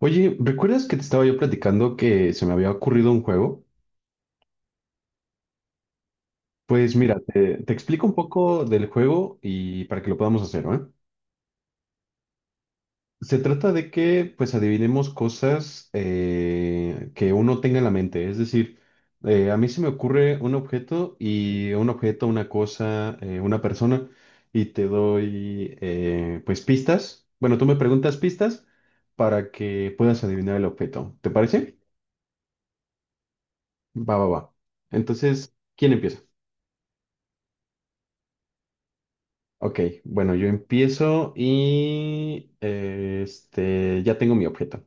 Oye, ¿recuerdas que te estaba yo platicando que se me había ocurrido un juego? Pues mira, te explico un poco del juego y para que lo podamos hacer, ¿eh? Se trata de que pues adivinemos cosas que uno tenga en la mente. Es decir, a mí se me ocurre un objeto y un objeto, una cosa, una persona y te doy pues pistas. Bueno, tú me preguntas pistas para que puedas adivinar el objeto. ¿Te parece? Va, va, va. Entonces, ¿quién empieza? Ok, bueno, yo empiezo y ya tengo mi objeto.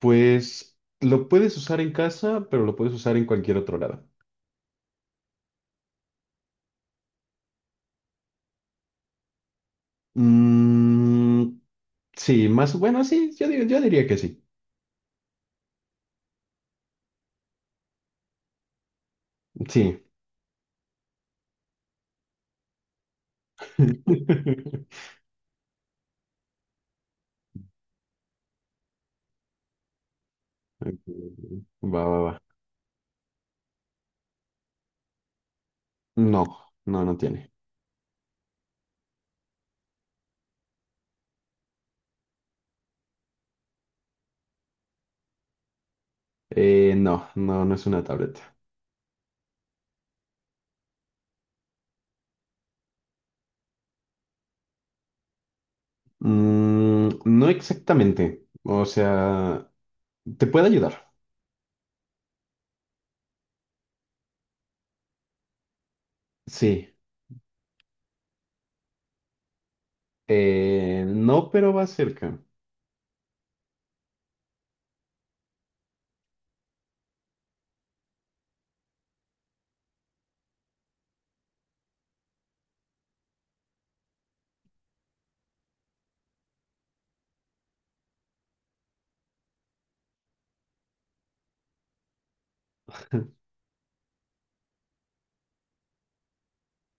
Pues lo puedes usar en casa, pero lo puedes usar en cualquier otro lado. Mm, sí, más bueno, sí, yo, yo diría que sí. Sí. Ok, va, va, va. No, no, no tiene. No, no, no es una tableta. Mm, no exactamente. O sea, ¿te puede ayudar? Sí. No, pero va cerca.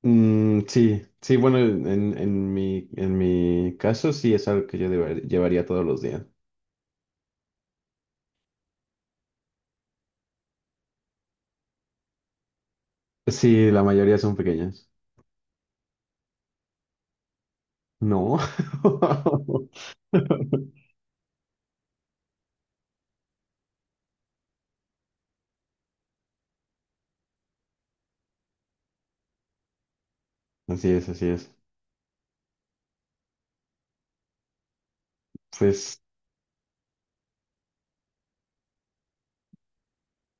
Mm, sí, sí, bueno, en mi caso sí es algo que llevaría todos los días. Sí, la mayoría son pequeñas. No. Así es, así es. Pues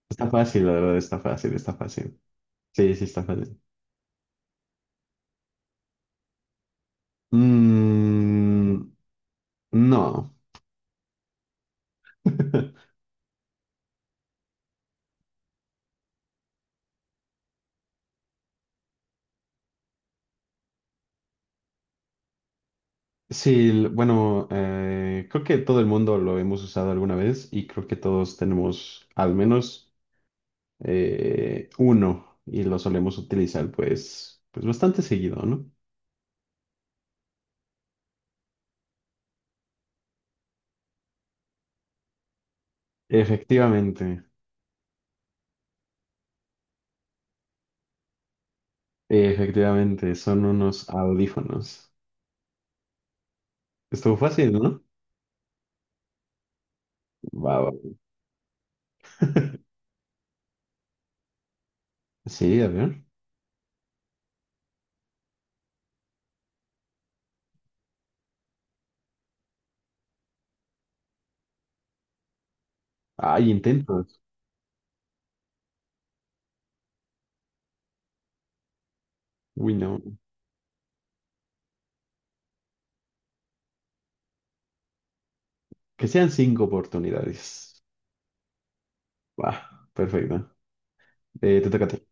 está fácil, la verdad, está fácil, está fácil. Sí, sí, está fácil. Mm, no. Sí, bueno, creo que todo el mundo lo hemos usado alguna vez y creo que todos tenemos al menos uno y lo solemos utilizar pues, pues bastante seguido, ¿no? Efectivamente, efectivamente, son unos audífonos. Estuvo fácil, ¿no? Va, va. Sí, a ver. Hay intentos. Uy, no. Que sean 5 oportunidades. Va, perfecto. Te toca a ti.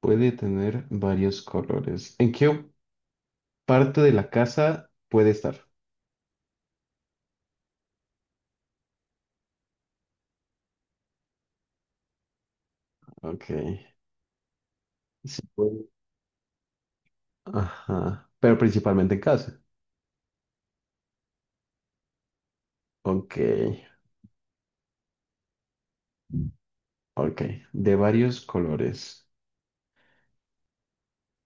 Puede tener varios colores. ¿En qué parte de la casa puede estar? Ok. Sí, puede. Ajá. Pero principalmente en casa. Ok. Ok, de varios colores.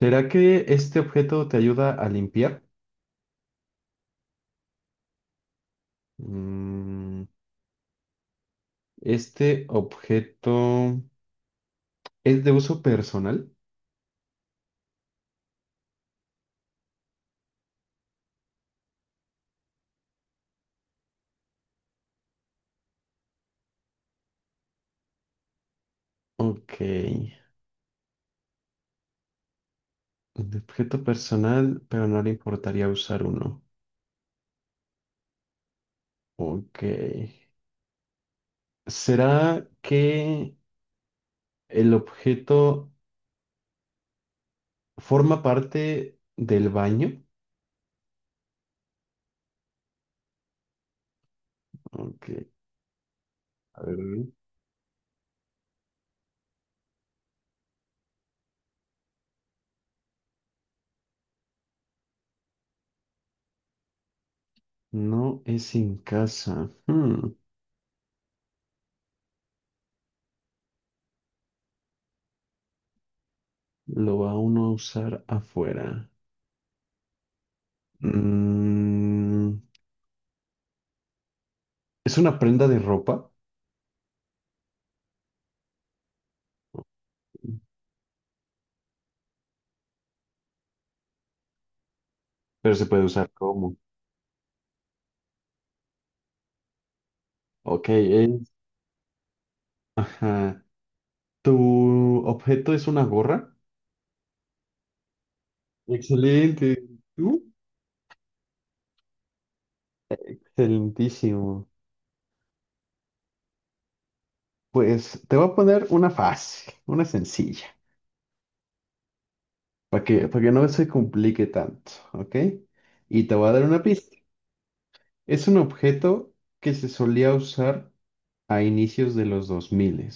¿Será que este objeto te ayuda a limpiar? Mm, este objeto es de uso personal. Ok, un objeto personal, pero no le importaría usar uno. Ok. ¿Será que el objeto forma parte del baño? Ok, a ver. No es en casa. Hmm, lo va uno a usar afuera. Mm, es una prenda de ropa, pero se puede usar como. Ok, es- Ajá. ¿Tu objeto es una gorra? Excelente. ¿Tú? Excelentísimo. Pues te voy a poner una fácil, una sencilla, para que no se complique tanto, ¿ok? Y te voy a dar una pista. Es un objeto que se solía usar a inicios de los 2000.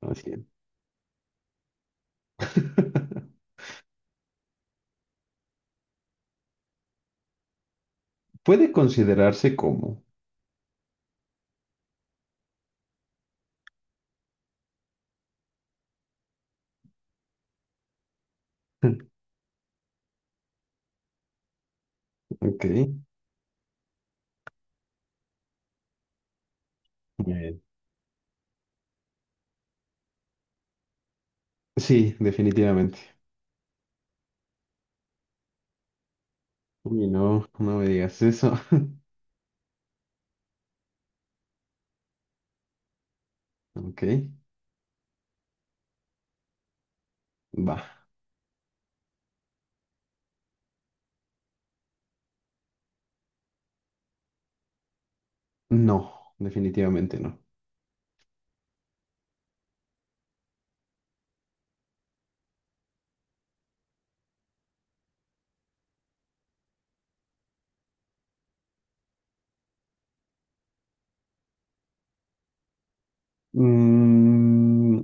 Así es. Puede considerarse como. Ok. Eh, sí, definitivamente. Uy, no, no me digas eso. Ok, va. No, definitivamente no. Mm,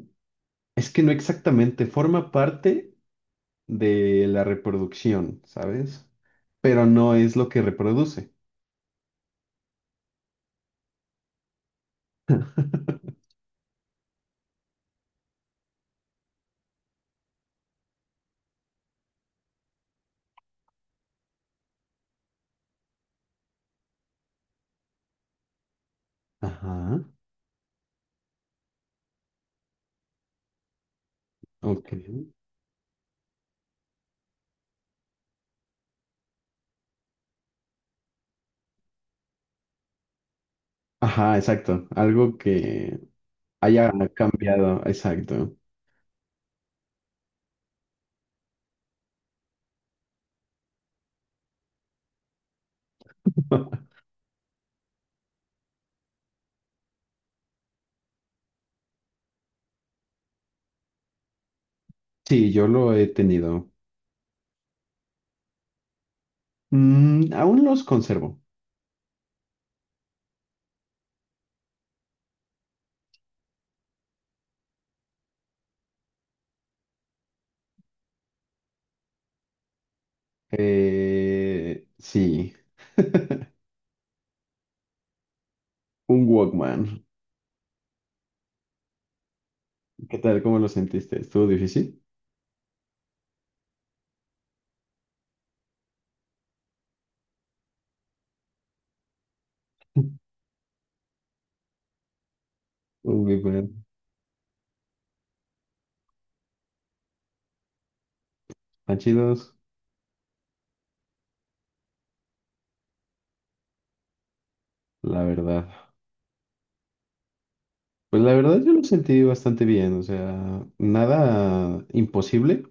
es que no exactamente, forma parte de la reproducción, ¿sabes? Pero no es lo que reproduce. Ajá, ok. Ajá, exacto. Algo que haya cambiado, exacto. Sí, yo lo he tenido. Mm, aún los conservo. Sí. Un Walkman. ¿Qué tal? ¿Cómo lo sentiste? ¿Estuvo difícil? Uy, pues, están chidos, la verdad. Pues la verdad yo lo sentí bastante bien, o sea, nada imposible,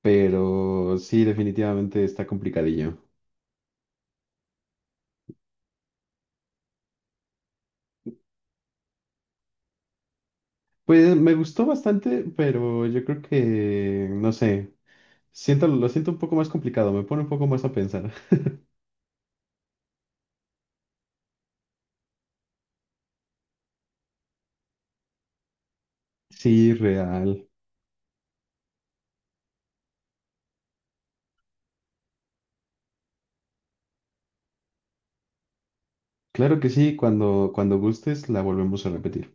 pero sí, definitivamente está complicadillo. Pues me gustó bastante, pero yo creo que, no sé, siento, lo siento un poco más complicado, me pone un poco más a pensar. Sí, real. Claro que sí, cuando, cuando gustes la volvemos a repetir.